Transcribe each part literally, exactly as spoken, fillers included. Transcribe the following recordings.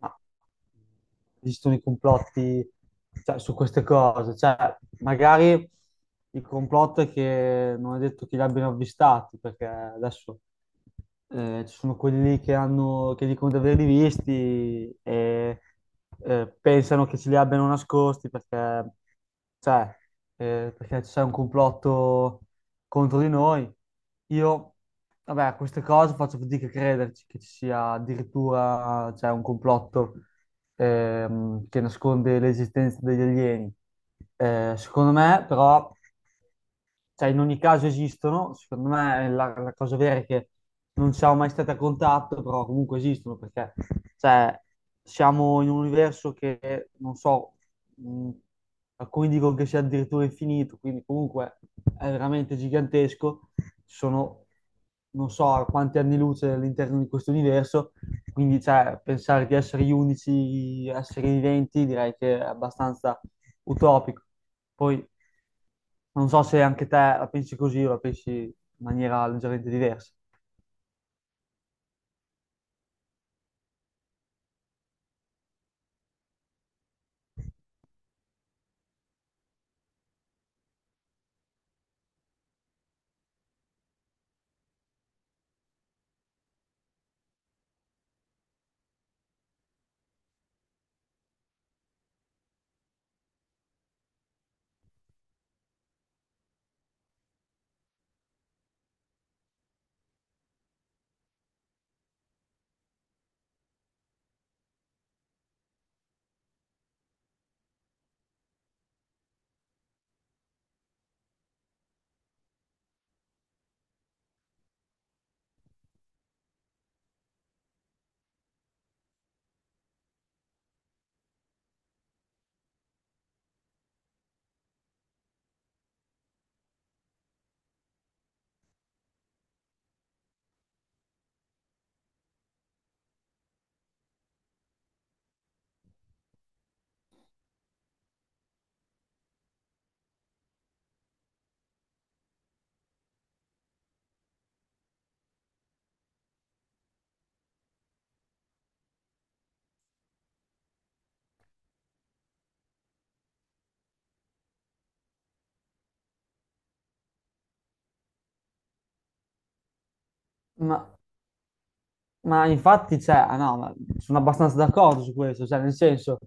ma esistono i complotti, cioè, su queste cose, cioè, magari il complotto è che non è detto che li abbiano avvistati, perché adesso eh, ci sono quelli lì che hanno, che dicono di averli visti e eh, pensano che ce li abbiano nascosti perché, cioè, eh, perché c'è un complotto contro di noi. Io Vabbè, a queste cose faccio fatica a crederci che ci sia addirittura, cioè, un complotto ehm, che nasconde l'esistenza degli alieni. Eh, secondo me, però, cioè, in ogni caso esistono. Secondo me eh, la, la cosa vera è che non siamo mai stati a contatto, però comunque esistono perché, cioè, siamo in un universo che non so, mh, alcuni dicono che sia addirittura infinito, quindi comunque è veramente gigantesco. Ci sono non so a quanti anni luce all'interno di questo universo, quindi, cioè, pensare di essere gli unici esseri viventi direi che è abbastanza utopico. Poi non so se anche te la pensi così, o la pensi in maniera leggermente diversa. Ma, ma infatti c'è, ah no, ma sono abbastanza d'accordo su questo, cioè, nel senso,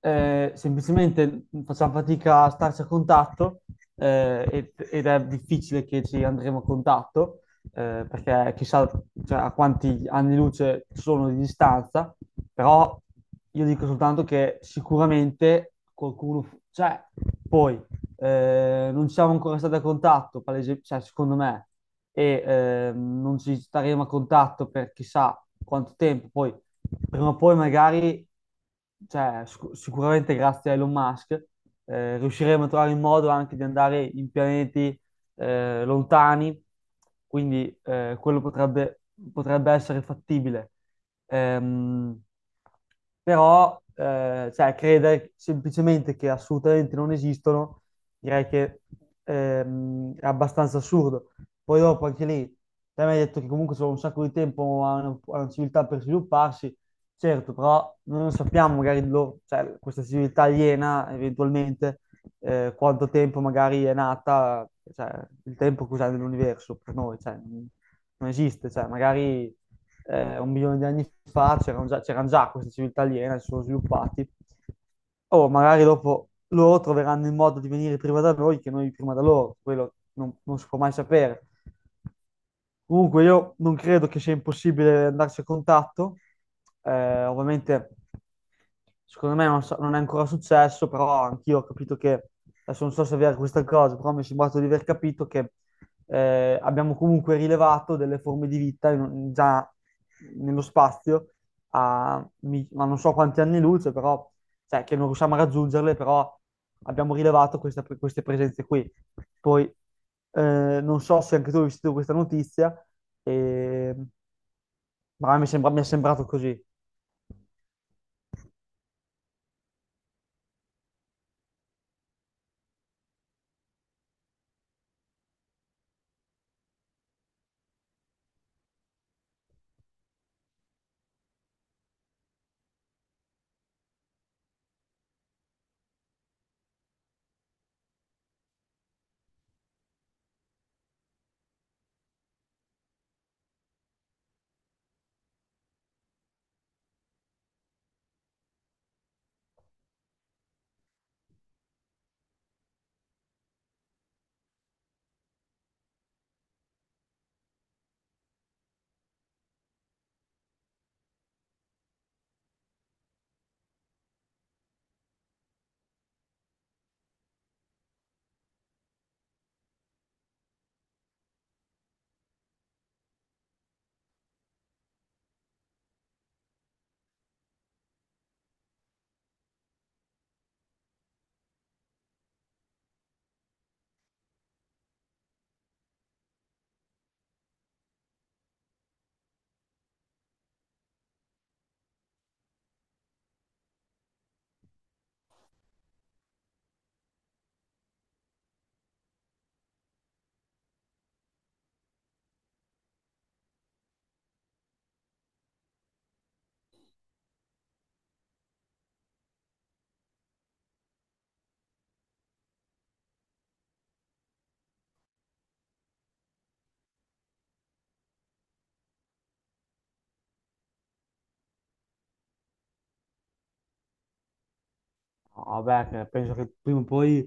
eh, semplicemente facciamo fatica a starci a contatto, eh, ed, ed è difficile che ci andremo a contatto, eh, perché chissà, cioè, a quanti anni luce sono di distanza. Però io dico soltanto che sicuramente qualcuno, cioè, poi eh, non siamo ancora stati a contatto, palese- cioè, secondo me, e eh, non ci staremo a contatto per chissà quanto tempo. Poi, prima o poi, magari, cioè, sic- sicuramente grazie a Elon Musk, eh, riusciremo a trovare il modo anche di andare in pianeti eh, lontani. Quindi eh, quello potrebbe, potrebbe essere fattibile. Ehm, però, eh, cioè, credere semplicemente che assolutamente non esistono, direi che ehm, è abbastanza assurdo. Poi dopo anche lì, te mi hai detto che comunque sono un sacco di tempo a una, a una civiltà per svilupparsi, certo, però noi non sappiamo magari, lo- cioè, questa civiltà aliena eventualmente eh, quanto tempo magari è nata. Cioè, il tempo che usiamo nell'universo per noi, cioè, non, non esiste. Cioè, magari eh, un milione di anni fa c'erano già, c'erano già queste civiltà aliene, si sono sviluppati. O magari dopo loro troveranno il modo di venire prima da noi che noi prima da loro. Quello non, non si può mai sapere. Comunque io non credo che sia impossibile andarci a contatto, eh, ovviamente. Secondo me non, so- non è ancora successo, però anch'io ho capito che, adesso non so se è vera questa cosa, però mi è sembrato di aver capito che eh, abbiamo comunque rilevato delle forme di vita in- in- già nello spazio, a, mi- ma non so quanti anni luce. Però, cioè, che non riusciamo a raggiungerle, però abbiamo rilevato questa- queste presenze qui. Poi, eh, non so se anche tu hai visto questa notizia, eh, ma mi sembra- mi è sembrato così. No, Vabbè, penso che prima o poi,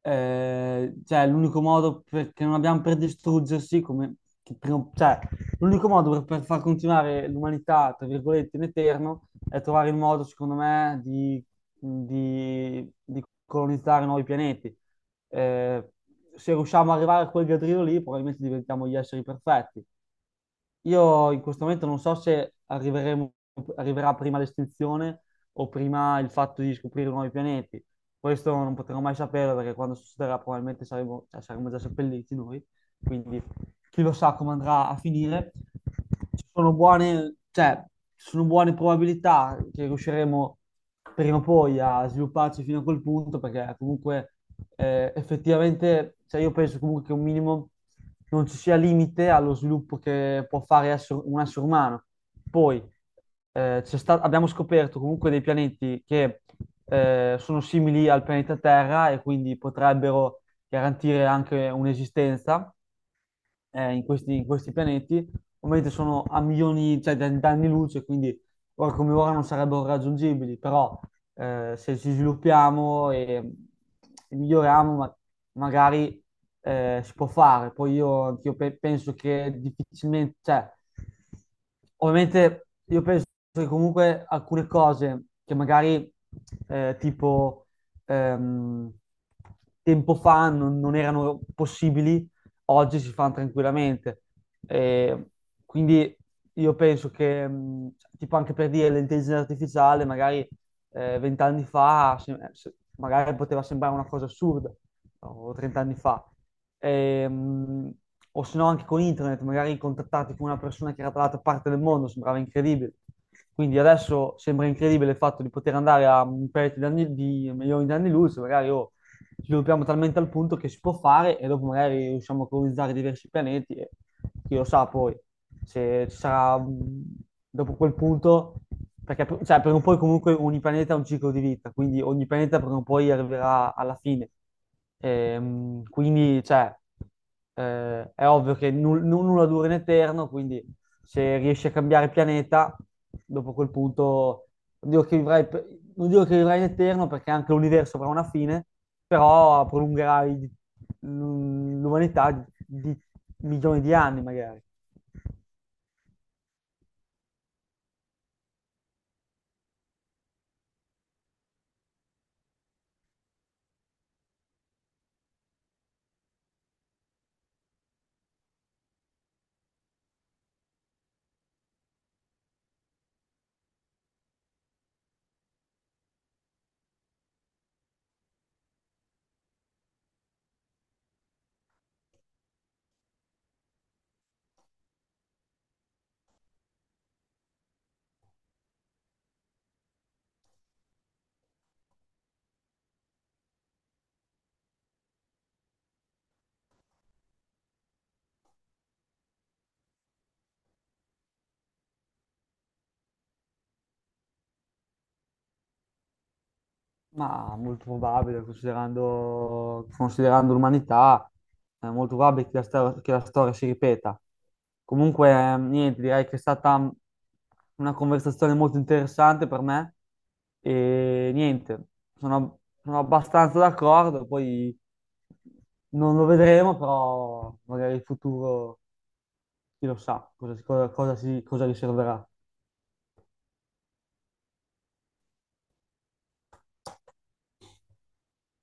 eh, cioè, l'unico modo per- che non abbiamo per distruggersi, come, che prima- cioè, l'unico modo per, per far continuare l'umanità, tra virgolette, in eterno, è trovare il modo, secondo me, di, di- di colonizzare nuovi pianeti. Eh, se riusciamo ad arrivare a quel giardino lì, probabilmente diventiamo gli esseri perfetti. Io in questo momento non so se arriveremo- arriverà prima l'estinzione o prima il fatto di scoprire nuovi pianeti. Questo non potremo mai saperlo perché quando succederà probabilmente saremo, cioè, saremo già seppelliti noi. Quindi chi lo sa come andrà a finire. Ci sono buone, cioè, ci sono buone probabilità che riusciremo prima o poi a svilupparci fino a quel punto, perché comunque eh, effettivamente, cioè, io penso comunque che un minimo non ci sia limite allo sviluppo che può fare essere- un essere umano. Poi eh, c'è sta- abbiamo scoperto comunque dei pianeti che eh, sono simili al pianeta Terra e quindi potrebbero garantire anche un'esistenza eh, in questi, in questi pianeti. Ovviamente sono a milioni, cioè, da- d'anni luce, quindi ora come ora non sarebbero raggiungibili. Però eh, se ci sviluppiamo e, e miglioriamo, ma- magari eh, si può fare. Poi io, anch'io pe- penso che difficilmente, cioè, ovviamente io penso che comunque alcune cose che magari eh, tipo ehm, tempo fa non, non erano possibili, oggi si fanno tranquillamente. E quindi io penso che, mh, tipo anche per dire, l'intelligenza artificiale magari eh, vent'anni fa se- se- magari poteva sembrare una cosa assurda. No, o trent'anni fa. E, mh, o se no anche con internet, magari contattarti con una persona che era dall'altra parte del mondo sembrava incredibile. Quindi adesso sembra incredibile il fatto di poter andare a un paio di anni, di milioni di anni luce, magari oh, sviluppiamo talmente al punto che si può fare e dopo magari riusciamo a colonizzare diversi pianeti. E chi lo sa poi se ci sarà, mh, dopo quel punto, perché pr- cioè, prima o poi comunque ogni pianeta ha un ciclo di vita, quindi ogni pianeta prima o poi arriverà alla fine. Ehm, quindi, cioè, eh, è ovvio che nul- nu- nulla dura in eterno, quindi se riesci a cambiare pianeta, dopo quel punto, non dico che vivrai, per- non dico che vivrai in eterno perché anche l'universo avrà una fine, però prolungherai di- l'umanità di di milioni di anni magari. Ma molto probabile, considerando, considerando l'umanità, è molto probabile che la, stor- che la storia si ripeta. Comunque, eh, niente, direi che è stata una conversazione molto interessante per me. E niente, sono, sono abbastanza d'accordo. Poi non lo vedremo, però magari in futuro chi lo sa cosa, cosa, cosa si, cosa riserverà.